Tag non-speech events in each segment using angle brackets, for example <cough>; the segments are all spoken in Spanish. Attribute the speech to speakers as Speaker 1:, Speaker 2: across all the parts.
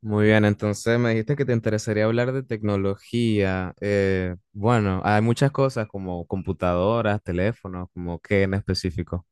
Speaker 1: Muy bien, entonces me dijiste que te interesaría hablar de tecnología. Bueno, hay muchas cosas como computadoras, teléfonos, como qué en específico.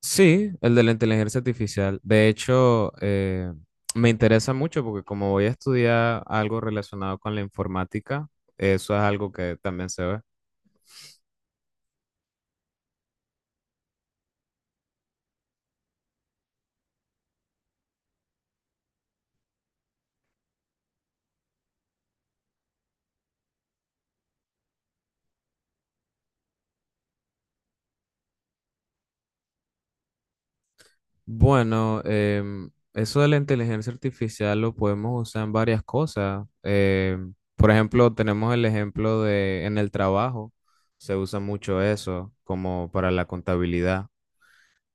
Speaker 1: Sí, el de la inteligencia artificial. De hecho, me interesa mucho porque como voy a estudiar algo relacionado con la informática, eso es algo que también se ve. Bueno, eso de la inteligencia artificial lo podemos usar en varias cosas. Por ejemplo, tenemos el ejemplo de en el trabajo, se usa mucho eso como para la contabilidad.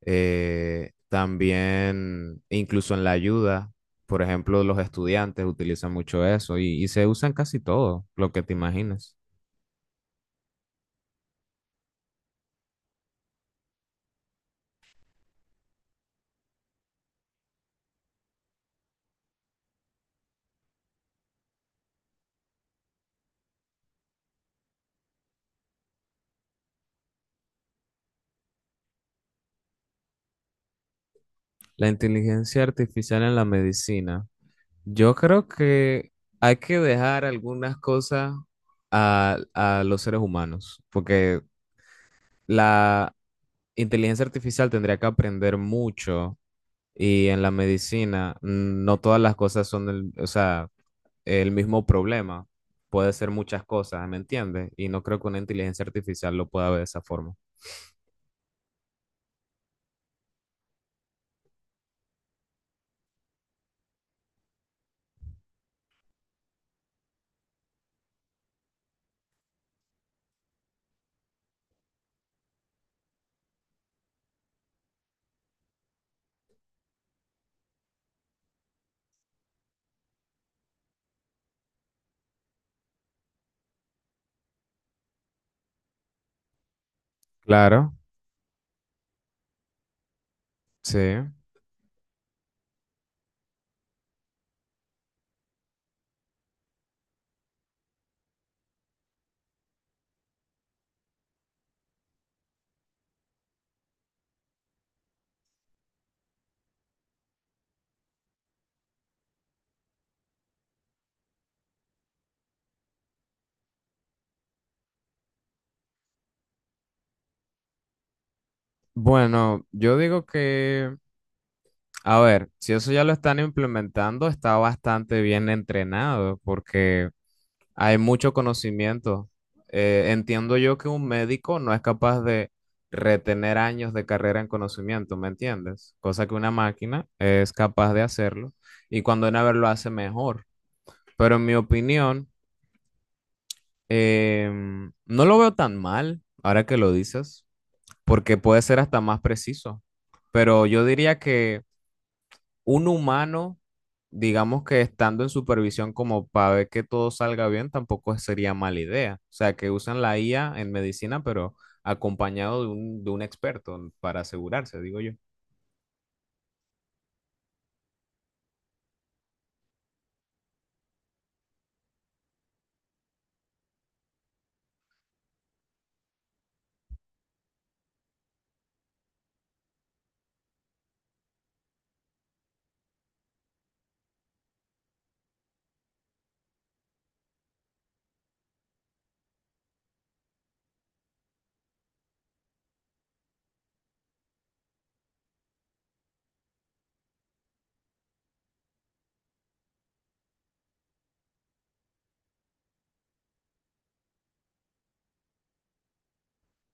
Speaker 1: También, incluso en la ayuda, por ejemplo, los estudiantes utilizan mucho eso y se usa en casi todo lo que te imagines. La inteligencia artificial en la medicina. Yo creo que hay que dejar algunas cosas a los seres humanos, porque la inteligencia artificial tendría que aprender mucho y en la medicina no todas las cosas son o sea, el mismo problema. Puede ser muchas cosas, ¿me entiendes? Y no creo que una inteligencia artificial lo pueda ver de esa forma. Claro, sí. Bueno, yo digo que... A ver, si eso ya lo están implementando, está bastante bien entrenado porque hay mucho conocimiento. Entiendo yo que un médico no es capaz de retener años de carrera en conocimiento, ¿me entiendes? Cosa que una máquina es capaz de hacerlo y cuando una vez lo hace mejor. Pero en mi opinión, no lo veo tan mal, ahora que lo dices, porque puede ser hasta más preciso. Pero yo diría que... Un humano, digamos, que estando en supervisión como para ver que todo salga bien, tampoco sería mala idea. O sea, que usan la IA en medicina, pero acompañado de un experto para asegurarse, digo yo.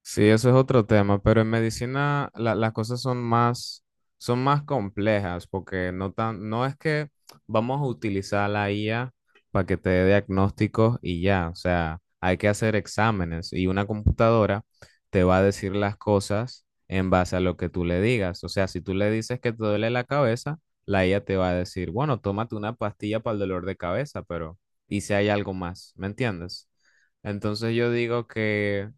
Speaker 1: Sí, eso es otro tema, pero en medicina las cosas son más complejas porque no es que vamos a utilizar la IA para que te dé diagnósticos y ya, o sea, hay que hacer exámenes y una computadora te va a decir las cosas en base a lo que tú le digas. O sea, si tú le dices que te duele la cabeza, la IA te va a decir, bueno, tómate una pastilla para el dolor de cabeza, pero ¿y si hay algo más? ¿Me entiendes? Entonces yo digo que...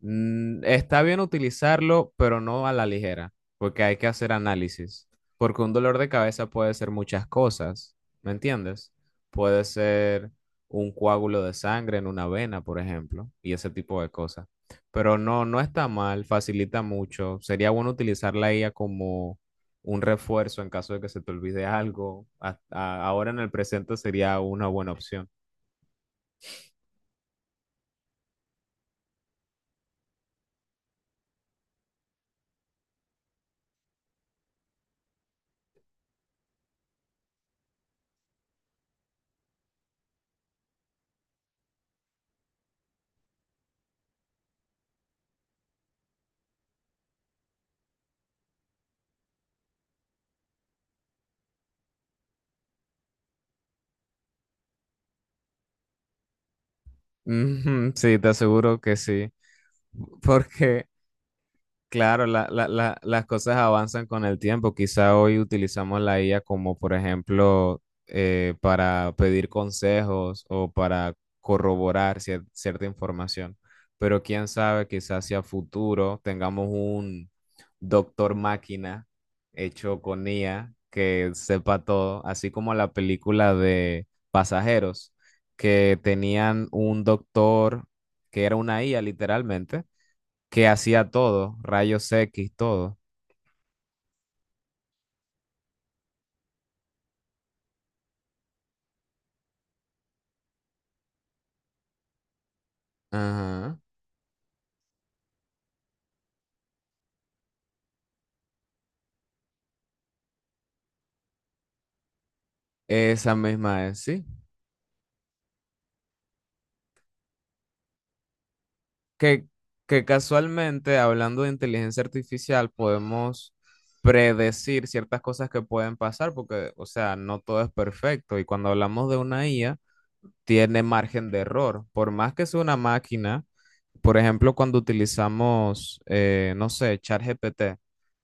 Speaker 1: Está bien utilizarlo, pero no a la ligera, porque hay que hacer análisis, porque un dolor de cabeza puede ser muchas cosas, ¿me entiendes? Puede ser un coágulo de sangre en una vena, por ejemplo, y ese tipo de cosas. Pero no, no está mal, facilita mucho. Sería bueno utilizar la IA como un refuerzo en caso de que se te olvide algo. Ahora en el presente sería una buena opción. Ujú, sí, te aseguro que sí. Porque... Claro, las cosas avanzan con el tiempo. Quizá hoy utilizamos la IA como, por ejemplo, para pedir consejos o para corroborar cierta información. Pero quién sabe, quizá hacia futuro tengamos un doctor máquina hecho con IA que sepa todo, así como la película de Pasajeros, que tenían un doctor que era una IA literalmente, que hacía todo, rayos X, todo. Ajá. Esa misma es, sí. Que, que casualmente, hablando de inteligencia artificial, podemos predecir ciertas cosas que pueden pasar, porque, o sea, no todo es perfecto. Y cuando hablamos de una IA, tiene margen de error. Por más que sea una máquina, por ejemplo, cuando utilizamos, no sé, ChatGPT.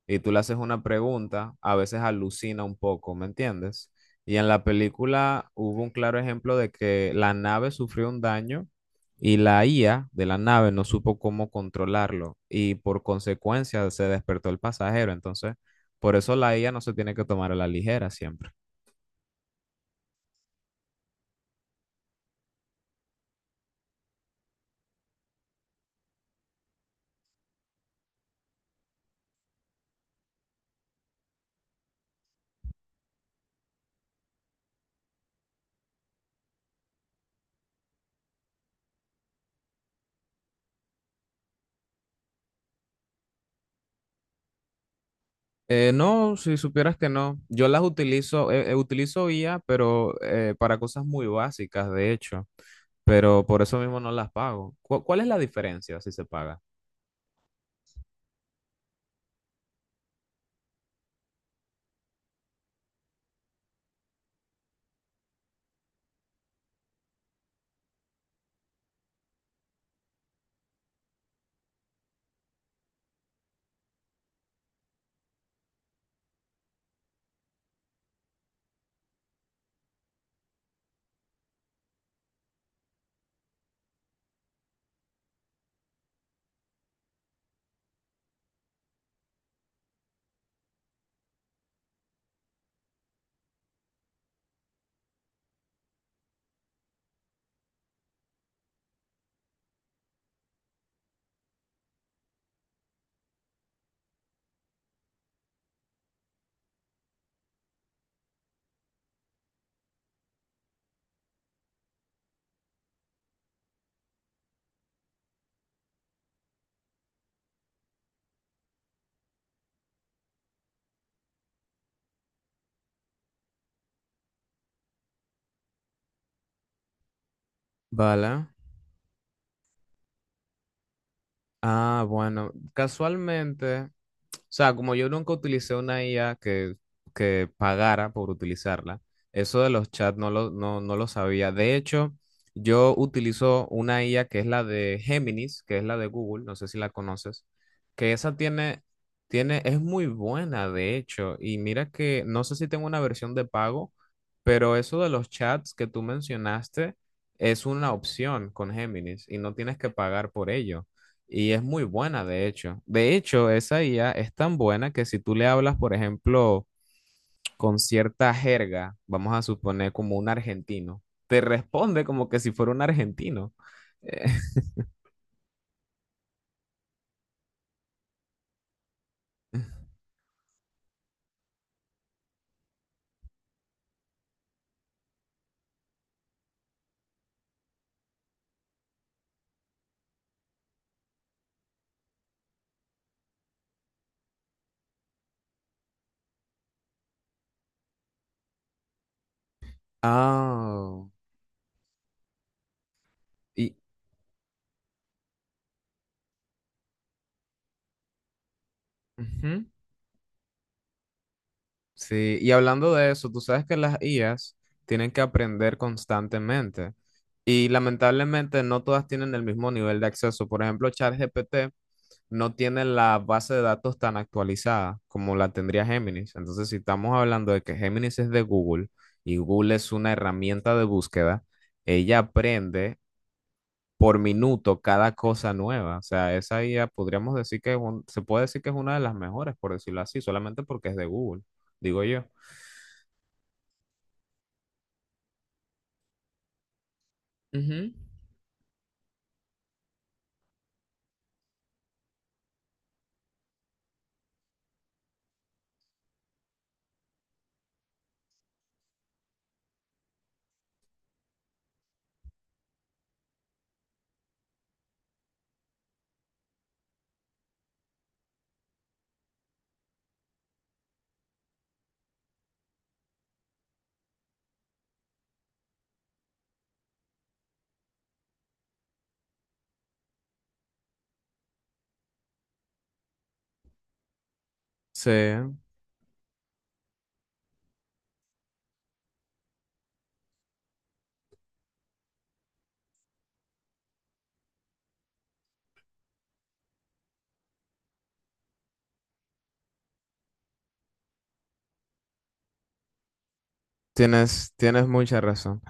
Speaker 1: Y tú le haces una pregunta, a veces alucina un poco, ¿me entiendes? Y en la película hubo un claro ejemplo de que la nave sufrió un daño y la IA de la nave no supo cómo controlarlo y por consecuencia se despertó el pasajero. Entonces, por eso la IA no se tiene que tomar a la ligera siempre. No, si supieras que no. Yo las utilizo, utilizo IA, pero para cosas muy básicas, de hecho, pero por eso mismo no las pago. ¿Cuál es la diferencia si se paga? Vale. Ah, bueno, casualmente, o sea, como yo nunca utilicé una IA que pagara por utilizarla, eso de los chats no lo sabía. De hecho, yo utilizo una IA que es la de Géminis, que es la de Google, no sé si la conoces, que esa tiene, tiene, es muy buena, de hecho, y mira que no sé si tengo una versión de pago, pero eso de los chats que tú mencionaste es una opción con Géminis y no tienes que pagar por ello. Y es muy buena, de hecho. De hecho, esa IA es tan buena que si tú le hablas, por ejemplo, con cierta jerga, vamos a suponer, como un argentino, te responde como que si fuera un argentino. Eh, <laughs> Ah, y, ujú, sí, y hablando de eso, tú sabes que las IAs tienen que aprender constantemente y lamentablemente no todas tienen el mismo nivel de acceso. Por ejemplo, ChatGPT no tiene la base de datos tan actualizada como la tendría Géminis. Entonces, si estamos hablando de que Géminis es de Google y Google es una herramienta de búsqueda, ella aprende por minuto cada cosa nueva. O sea, esa IA podríamos decir que es se puede decir que es una de las mejores, por decirlo así, solamente porque es de Google, digo yo. Ujú. Sí, tienes, tienes mucha razón.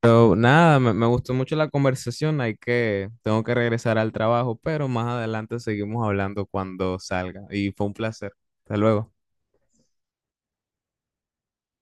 Speaker 1: Pero nada, me gustó mucho la conversación. Hay que... tengo que regresar al trabajo, pero más adelante seguimos hablando cuando salga. Y fue un placer. Hasta luego.